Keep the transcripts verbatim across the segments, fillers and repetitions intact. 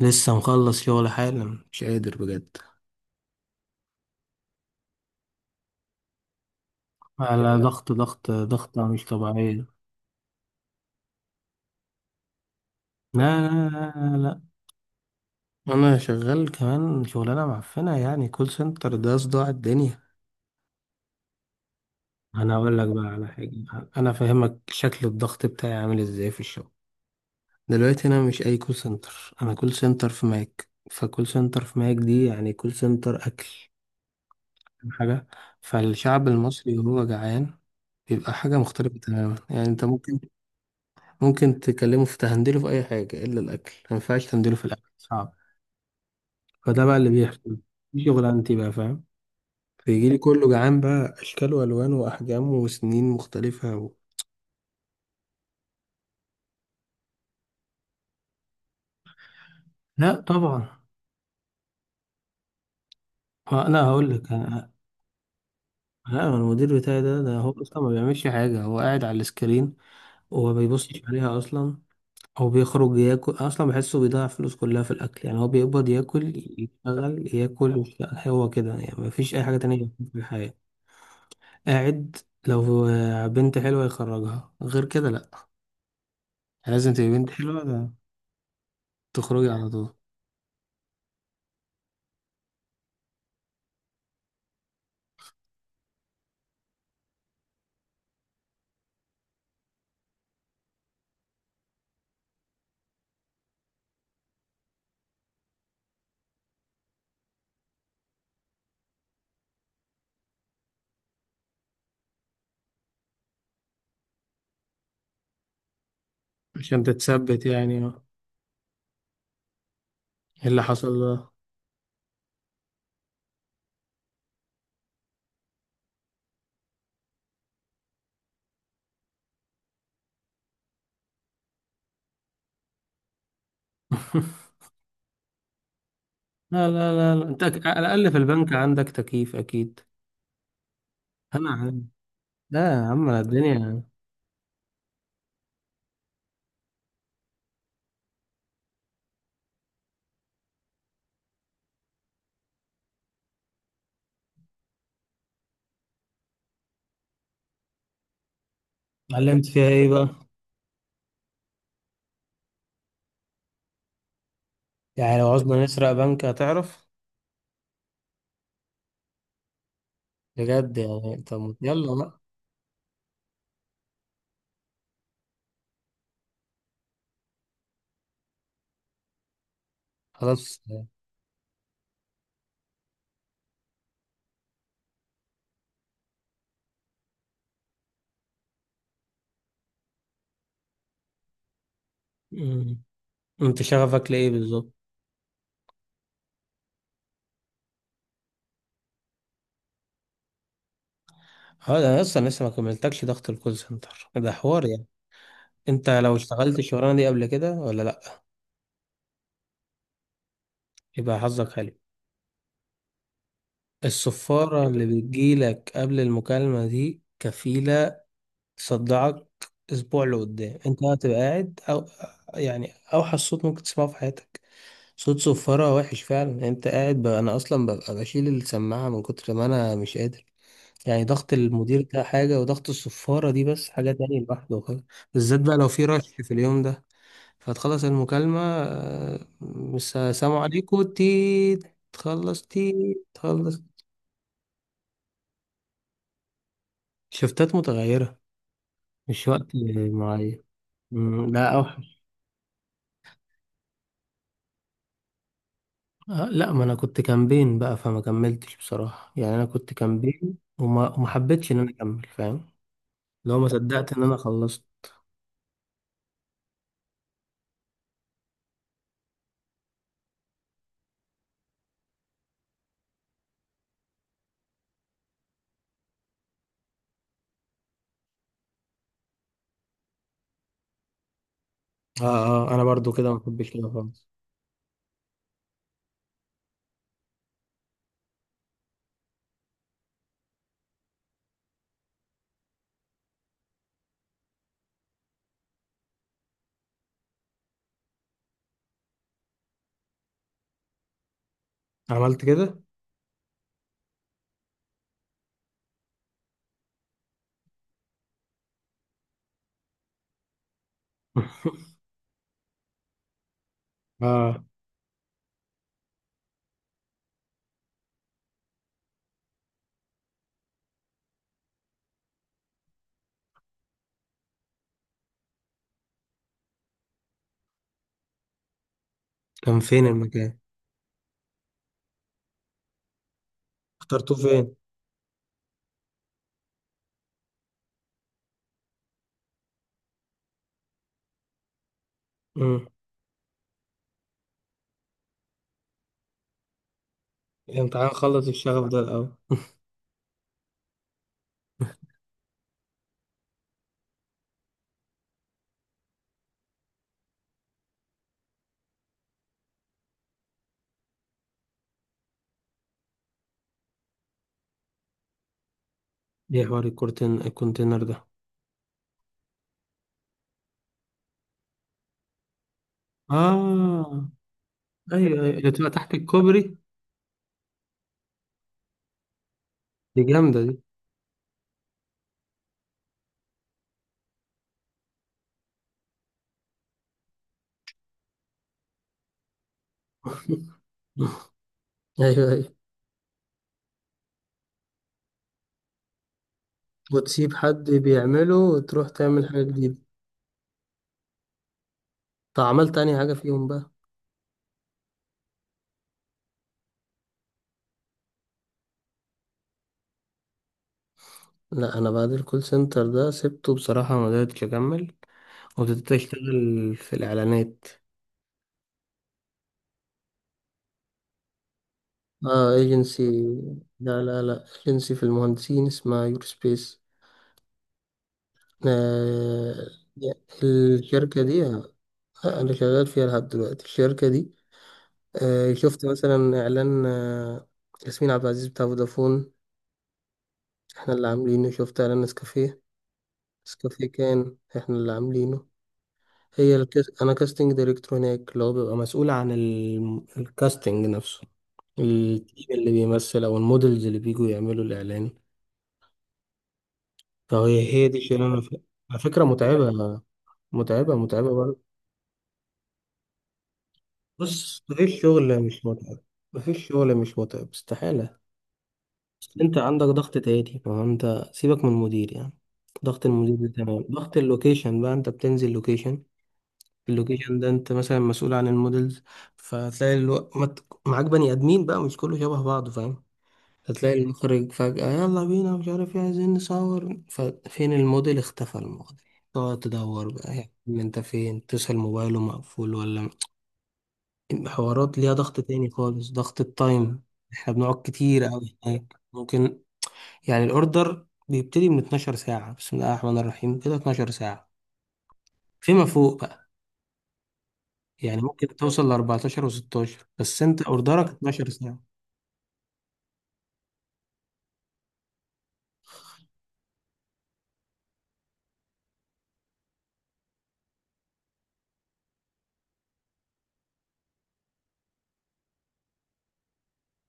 لسه مخلص شغل حالا، مش قادر بجد. على شغال ضغط ضغط ضغط مش طبيعية. لا لا لا لا لا. أنا شغال كمان شغلانة معفنة يعني كول سنتر ده صداع الدنيا. أنا أقول لك بقى على حاجة، أنا فاهمك شكل الضغط بتاعي عامل إزاي في الشغل. دلوقتي أنا مش أي كول سنتر، أنا كول سنتر في ماك، فكول سنتر في ماك دي يعني كول سنتر أكل، فاهم حاجة؟ فالشعب المصري وهو جعان بيبقى حاجة مختلفة تماما، يعني أنت ممكن ممكن تكلمه في تهندله في اي حاجه الا الاكل، ما ينفعش تهندله في الاكل، صعب. فده بقى اللي بيحصل، دي شغلانتي بقى فاهم. فيجي لي كله جعان بقى، اشكال والوان واحجام وسنين مختلفه و... لا طبعا. ه- لا هقول لك أنا- لا أنا المدير بتاعي ده ده هو اصلا ما بيعملش حاجه، هو قاعد على السكرين وما بيبصش عليها اصلا. هو بيخرج ياكل اصلا، بحسه بيضيع فلوس كلها في الاكل، يعني هو بيقبض ياكل يشتغل ياكل يشتغل. هو كده يعني، ما فيش اي حاجه تانية في الحياه. قاعد لو بنت حلوة يخرجها، غير كده لأ، لازم تبقى بنت حلوة، ده تخرجي على طول. عشان تتثبت يعني آه. إيه اللي حصل ده؟ لا لا لا لا، انت أك- على الأقل في البنك عندك تكييف أكيد. أنا عم، لا يا عم أنا الدنيا. اتعلمت فيها إيه بقى؟ يعني لو عاوزنا نسرق بنك هتعرف؟ بجد يعني؟ طب يلا بقى خلاص. مم. انت شغفك لإيه بالظبط؟ اه ده انا اصلا لسه ما كملتكش، ضغط الكول سنتر ده حوار يعني. انت لو اشتغلت الشغلانه دي قبل كده ولا لا؟ يبقى حظك حلو. الصفاره اللي بتجيلك قبل المكالمه دي كفيله تصدعك اسبوع لقدام، انت هتبقى قاعد او يعني اوحش صوت ممكن تسمعه في حياتك. صوت صفاره وحش فعلا يعني، انت قاعد بقى، انا اصلا ببقى بشيل السماعه من كتر ما انا مش قادر. يعني ضغط المدير ده حاجه، وضغط الصفاره دي بس حاجه تانية لوحده خالص. بالذات بقى لو في رش في اليوم ده، فتخلص المكالمة آه، مس- السلام عليكم تي، تخلص تي، تخلص. شفتات متغيرة، مش وقت معين. مم، لا أوحش. آه، لا ما أنا كنت كامبين بقى، فما كملتش بصراحة يعني، أنا كنت كامبين وما وما حبيتش إن أنا أكمل فاهم؟ لو ما صدقت إن أنا خلصت. آه آه، أنا برضو كده ما بحبش كده خالص. عملت كده. آه كان فين المكان؟ اخترتوه فين؟ مم. الامتحان خلص الشغف ده الأول. إيه حوار الكورتين، الكونتينر ده؟ اه ايوه ايوه، اللي بتبقى تحت الكوبري. دي جامدة دي. ايوه ايوه. وتسيب حد بيعمله وتروح تعمل حاجة جديدة؟ طب عملت تاني حاجة فيهم بقى؟ لا انا بعد الكول سنتر ده سبته بصراحة ما قدرتش اكمل، وابتديت اشتغل في الاعلانات. اه ايجنسي. لا لا لا، ايجنسي في المهندسين اسمها يور سبيس. آه... الشركة دي آه، انا شغال فيها لحد دلوقتي الشركة دي. آه، شفت مثلا إعلان آه، ياسمين عبد العزيز بتاع فودافون؟ إحنا اللي عاملينه. شفت إعلان نسكافيه؟ نسكافيه كان إحنا اللي عاملينه. هي الكس... أنا كاستنج دايركتور هناك، اللي هو بيبقى مسؤول عن ال... الكاستنج نفسه، التيم اللي بيمثل أو المودلز اللي بيجوا يعملوا الإعلان. فهي هي دي شغلانة ف- على فكرة متعبة. متعبة متعبة برضه. بص مفيش شغل مش متعب، مفيش شغل مش متعب استحالة. انت عندك ضغط تاني، ما هو انت سيبك من المدير يعني. ضغط المدير ده تمام، ضغط اللوكيشن بقى، انت بتنزل لوكيشن، اللوكيشن ده انت مثلا مسؤول عن المودلز، فتلاقي الو... مت... معاك بني ادمين بقى، مش كله شبه بعضه فاهم؟ هتلاقي المخرج فجأة يلا بينا، مش عارف ايه عايزين نصور، ففين الموديل، اختفى الموديل، تقعد تدور بقى يعني انت فين، تسأل موبايله مقفول ولا. حوارات ليها ضغط تاني خالص، ضغط التايم. احنا بنقعد كتير قوي هناك، ممكن يعني الاوردر بيبتدي من اتناشر ساعة، بسم الله الرحمن الرحيم كده اتناشر ساعة فيما فوق بقى، يعني ممكن توصل ل اربعتاشر و16، بس انت اوردرك اتناشر ساعة.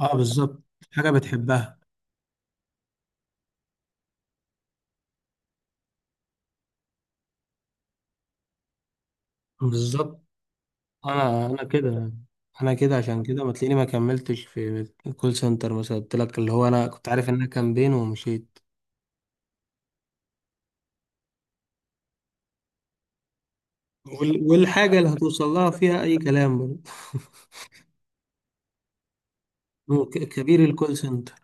اه بالظبط، حاجة بتحبها. بالظبط. انا انا كده، انا كده عشان كده ما تلاقيني ما كملتش في الكول سنتر مثلا، قلت لك اللي هو انا كنت عارف انها كامبين ومشيت. وال- والحاجة اللي هتوصل لها فيها اي كلام برضه. هو ك- كبير الكول سنتر؟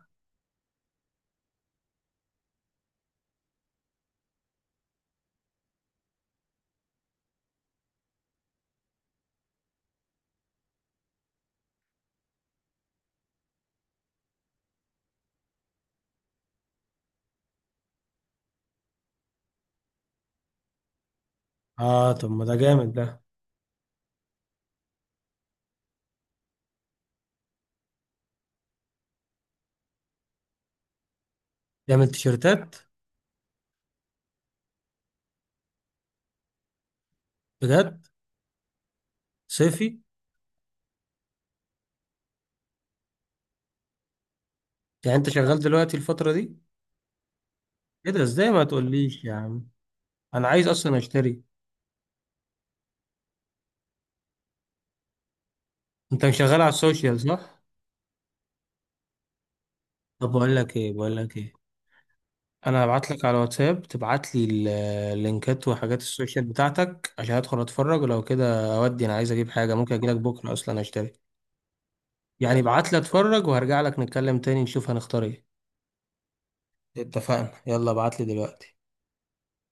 اه طب ما ده جامد ده. جامد، تيشيرتات؟ بجد؟ صيفي؟ يعني انت شغال دلوقتي الفترة دي؟ ايه ده، ازاي ما تقوليش يا عم؟ انا عايز اصلا اشتري. انت مش شغال على السوشيال صح؟ طب بقول لك ايه، بقول لك ايه، انا هبعت لك على واتساب، تبعت لي ال- اللينكات وحاجات السوشيال بتاعتك عشان ادخل اتفرج، ولو كده اودي انا عايز اجيب حاجة، ممكن اجيلك بكرة اصلا اشتري. يعني ابعت لي اتفرج، وهرجع لك نتكلم تاني نشوف هنختار ايه. اتفقنا، يلا ابعت لي دلوقتي.